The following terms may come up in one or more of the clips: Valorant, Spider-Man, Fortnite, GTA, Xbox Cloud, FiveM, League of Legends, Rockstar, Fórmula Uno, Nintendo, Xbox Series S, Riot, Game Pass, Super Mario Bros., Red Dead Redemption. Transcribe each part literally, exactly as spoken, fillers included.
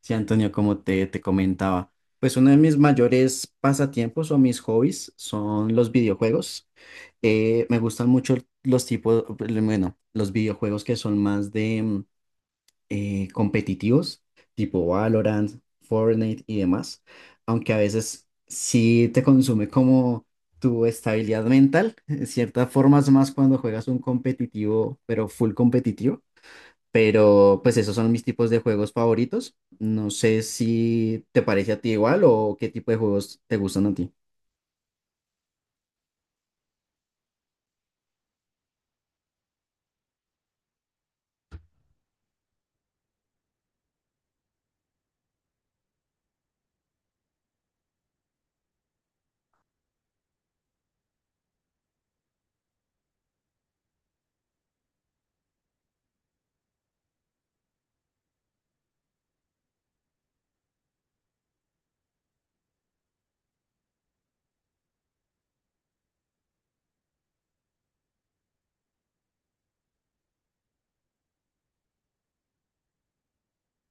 Sí, Antonio, como te, te comentaba, pues uno de mis mayores pasatiempos o mis hobbies son los videojuegos. Eh, me gustan mucho los tipos, bueno, los videojuegos que son más de mm, eh, competitivos, tipo Valorant, Fortnite y demás, aunque a veces sí te consume como tu estabilidad mental, en cierta forma es más cuando juegas un competitivo, pero full competitivo. Pero pues esos son mis tipos de juegos favoritos. No sé si te parece a ti igual o qué tipo de juegos te gustan a ti.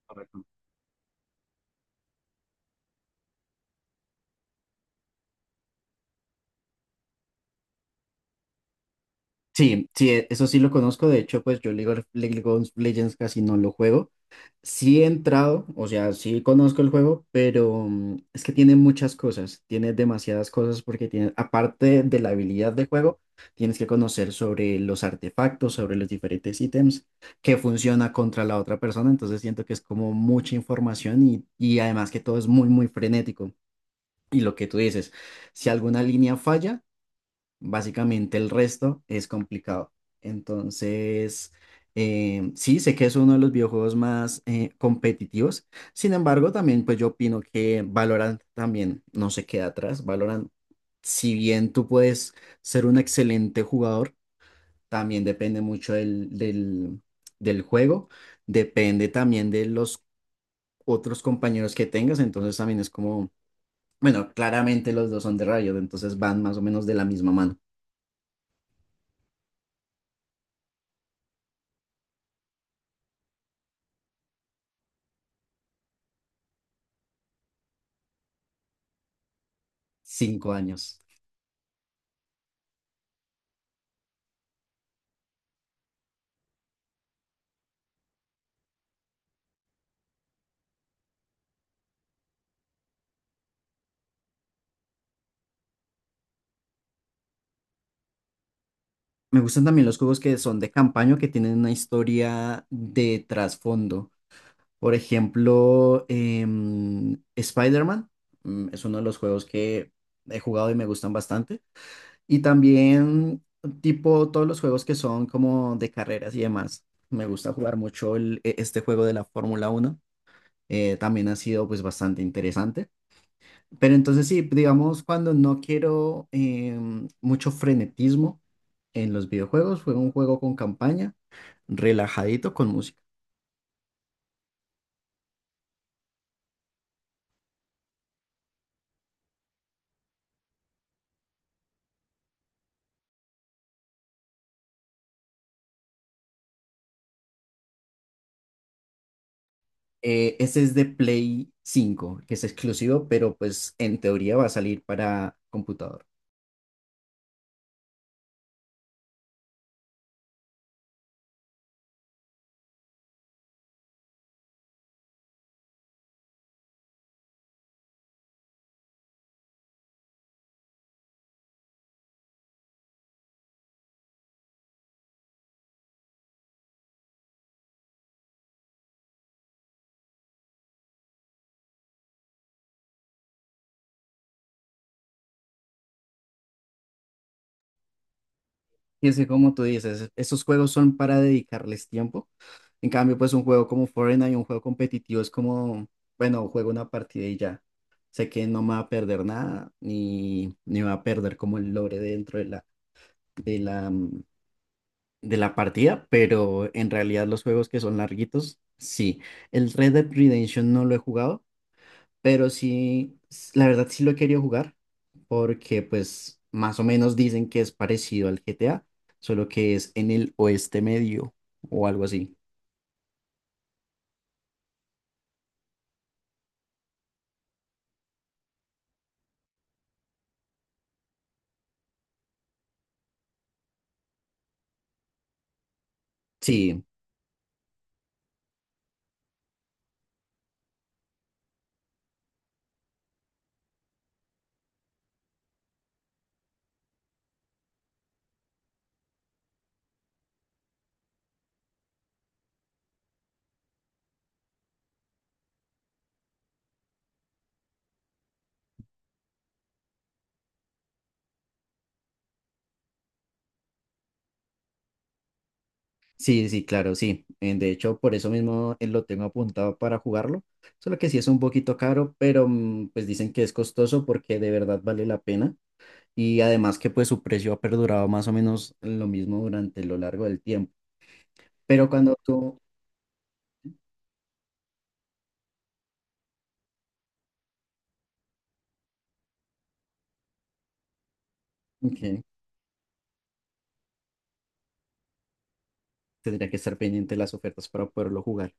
Correcto. Sí, sí, e- eso sí lo conozco. De hecho, pues yo League of, League of Legends casi no lo juego. Sí he entrado, o sea, sí conozco el juego, pero mm, es que tiene muchas cosas, tiene demasiadas cosas porque tiene, aparte de la habilidad del juego, tienes que conocer sobre los artefactos, sobre los diferentes ítems, que funciona contra la otra persona, entonces siento que es como mucha información y, y además que todo es muy, muy frenético. Y lo que tú dices, si alguna línea falla, básicamente el resto es complicado. Entonces, eh, sí, sé que es uno de los videojuegos más eh, competitivos. Sin embargo, también pues yo opino que Valorant también no se queda atrás. Valorant, si bien tú puedes ser un excelente jugador, también depende mucho del, del, del juego. Depende también de los otros compañeros que tengas. Entonces también es como, bueno, claramente los dos son de Riot, entonces van más o menos de la misma mano. Cinco años. Me gustan también los juegos que son de campaña, que tienen una historia de trasfondo. Por ejemplo, em, Spider-Man, mm, es uno de los juegos que he jugado y me gustan bastante. Y también, tipo, todos los juegos que son como de carreras y demás. Me gusta jugar mucho el- e- este juego de la Fórmula Uno. Eh, también ha sido pues bastante interesante. Pero entonces sí, digamos, cuando no quiero em, mucho frenetismo en los videojuegos, juego un juego con campaña, relajadito con música. Eh, ese es de Play cinco que es exclusivo, pero pues en teoría va a salir para computador. Y es que como tú dices, esos juegos son para dedicarles tiempo. En cambio, pues un juego como Fortnite, un juego competitivo es como, bueno, juego una partida y ya. Sé que no me va a perder nada, ni, ni va a perder como el lore dentro de la, mm, de la partida, pero en realidad los juegos que son larguitos, sí. El Red Dead Redemption no lo he jugado, pero sí, s- la verdad sí lo he querido jugar, porque pues más o menos dicen que es parecido al G T A, solo que es en el oeste medio o algo así. Sí, sí, sí, claro, sí. Eh, De hecho, por eso mismo eh, lo tengo apuntado para jugarlo. Solo que sí es un poquito caro, pero mm, pues dicen que es costoso porque de verdad vale la pena. Y además que pues su precio ha perdurado más o menos lo mismo durante lo largo del tiempo. Pero cuando tú, ok, tendría que estar pendiente de las ofertas para poderlo jugar.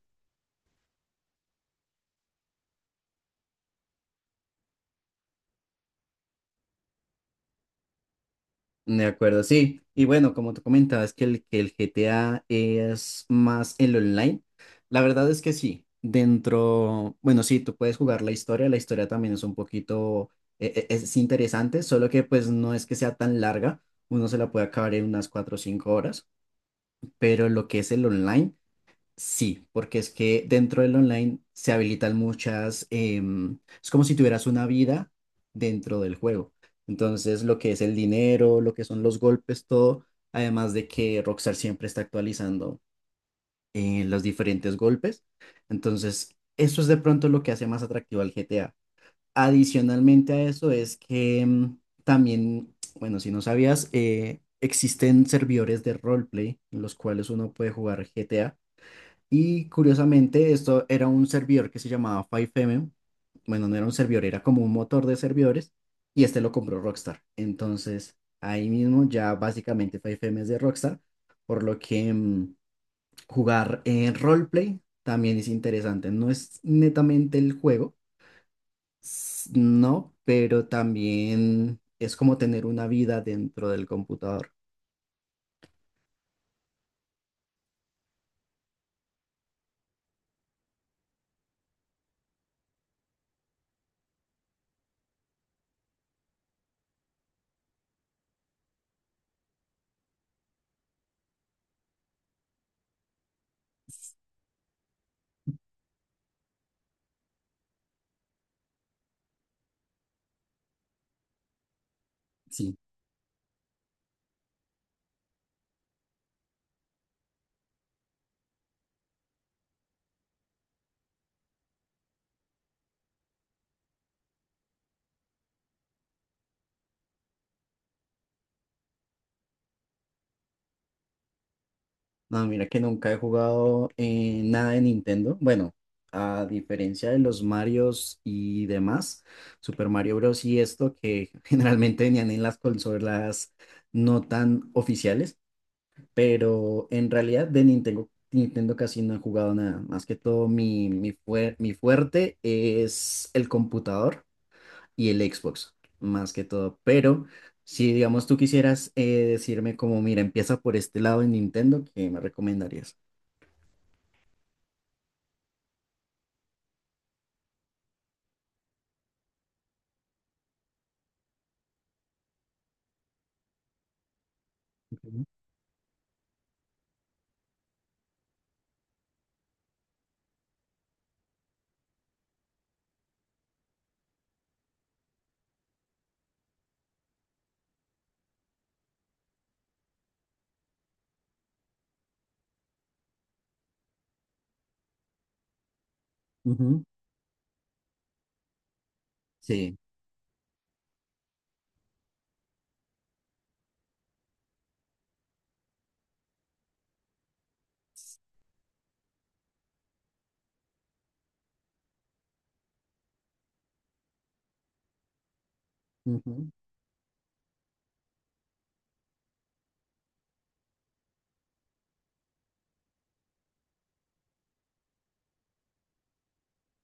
De acuerdo, sí. Y bueno, como tú comentabas que el, que el G T A es más el online, la verdad es que sí. Dentro, bueno, sí, tú puedes jugar la historia, la historia también es un poquito, e- e- es interesante, solo que pues no es que sea tan larga, uno se la puede acabar en unas cuatro o cinco horas, pero lo que es el online. Sí, porque es que dentro del online se habilitan muchas, em, es como si tuvieras una vida dentro del juego. Entonces, lo que es el dinero, lo que son los golpes, todo, además de que Rockstar siempre está actualizando eh, los diferentes golpes. Entonces, eso es de pronto lo que hace más atractivo al G T A. Adicionalmente a eso es que em, también, bueno, si no sabías, eh, existen servidores de roleplay en los cuales uno puede jugar G T A y curiosamente, esto era un servidor que se llamaba FiveM. Bueno, no era un servidor, era como un motor de servidores. Y este lo compró Rockstar. Entonces, ahí mismo ya básicamente FiveM es de Rockstar. Por lo que mm, jugar en roleplay también es interesante. No es netamente el juego, s- no, pero también es como tener una vida dentro del computador. Sí. No, mira que nunca he jugado eh, nada de Nintendo. Bueno, a diferencia de los Marios y demás, Super Mario Bros. Y esto que generalmente venían en las consolas no tan oficiales, pero en realidad de Nintendo, Nintendo casi no he jugado nada. Más que todo mi, mi, fuer- mi fuerte es el computador y el Xbox, más que todo. Pero... Si digamos tú quisieras eh, decirme como, mira, empieza por este lado en Nintendo, ¿qué me recomendarías? Ujú. Ujú. Sí. Ujú.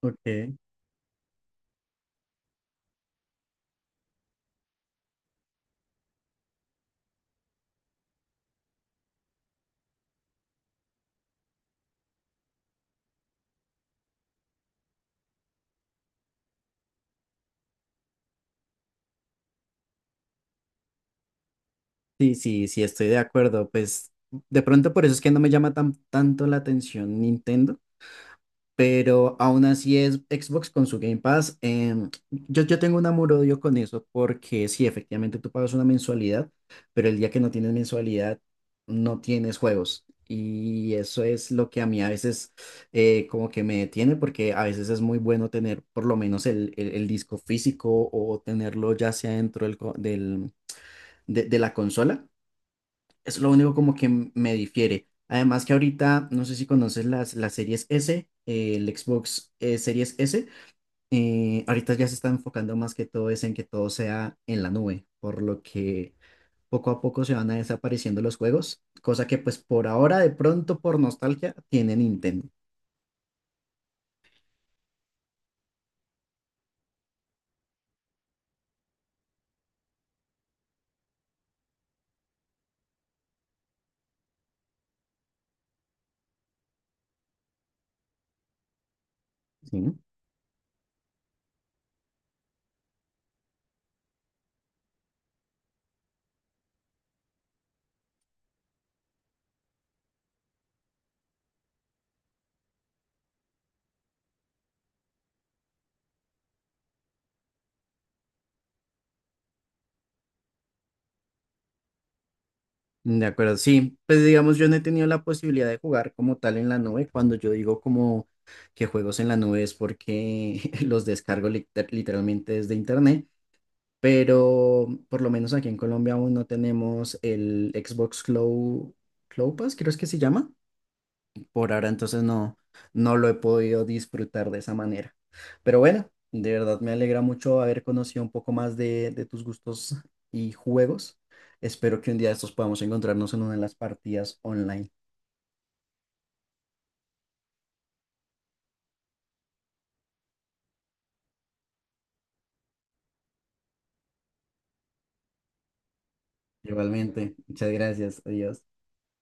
Ok. Sí, sí, sí, estoy de acuerdo. Pues de pronto por eso es que no me llama tan, tanto la atención Nintendo. Pero aún así es Xbox con su Game Pass. em, yo, yo tengo un amor-odio con eso porque sí, efectivamente tú pagas una mensualidad, pero el día que no tienes mensualidad no tienes juegos. Y eso es lo que a mí a veces eh, como que me detiene porque a veces es muy bueno tener por lo menos el, el- el disco físico o tenerlo ya sea dentro del, co- del- de de la consola, es lo único como que m- me difiere. Además que ahorita, no sé si conoces las, las series S, eh, el Xbox eh, Series S, eh, ahorita ya se está enfocando más que todo es en que todo sea en la nube, por lo que poco a poco se van a desapareciendo los juegos, cosa que pues por ahora de pronto por nostalgia tiene Nintendo. ¿Sí? De acuerdo, sí. Pues digamos, yo no he tenido la posibilidad de jugar como tal en la nube. Cuando yo digo como que juegos en la nube es porque los descargo lit- literalmente desde internet, pero por lo menos aquí en Colombia aún no tenemos el Xbox Cloud, Cloud Pass, creo es que se llama. Por ahora entonces no, no lo he podido disfrutar de esa manera. Pero bueno, de verdad me alegra mucho haber conocido un poco más de, de tus gustos y juegos. Espero que un día de estos podamos encontrarnos en una de las partidas online. Igualmente, muchas gracias. Adiós.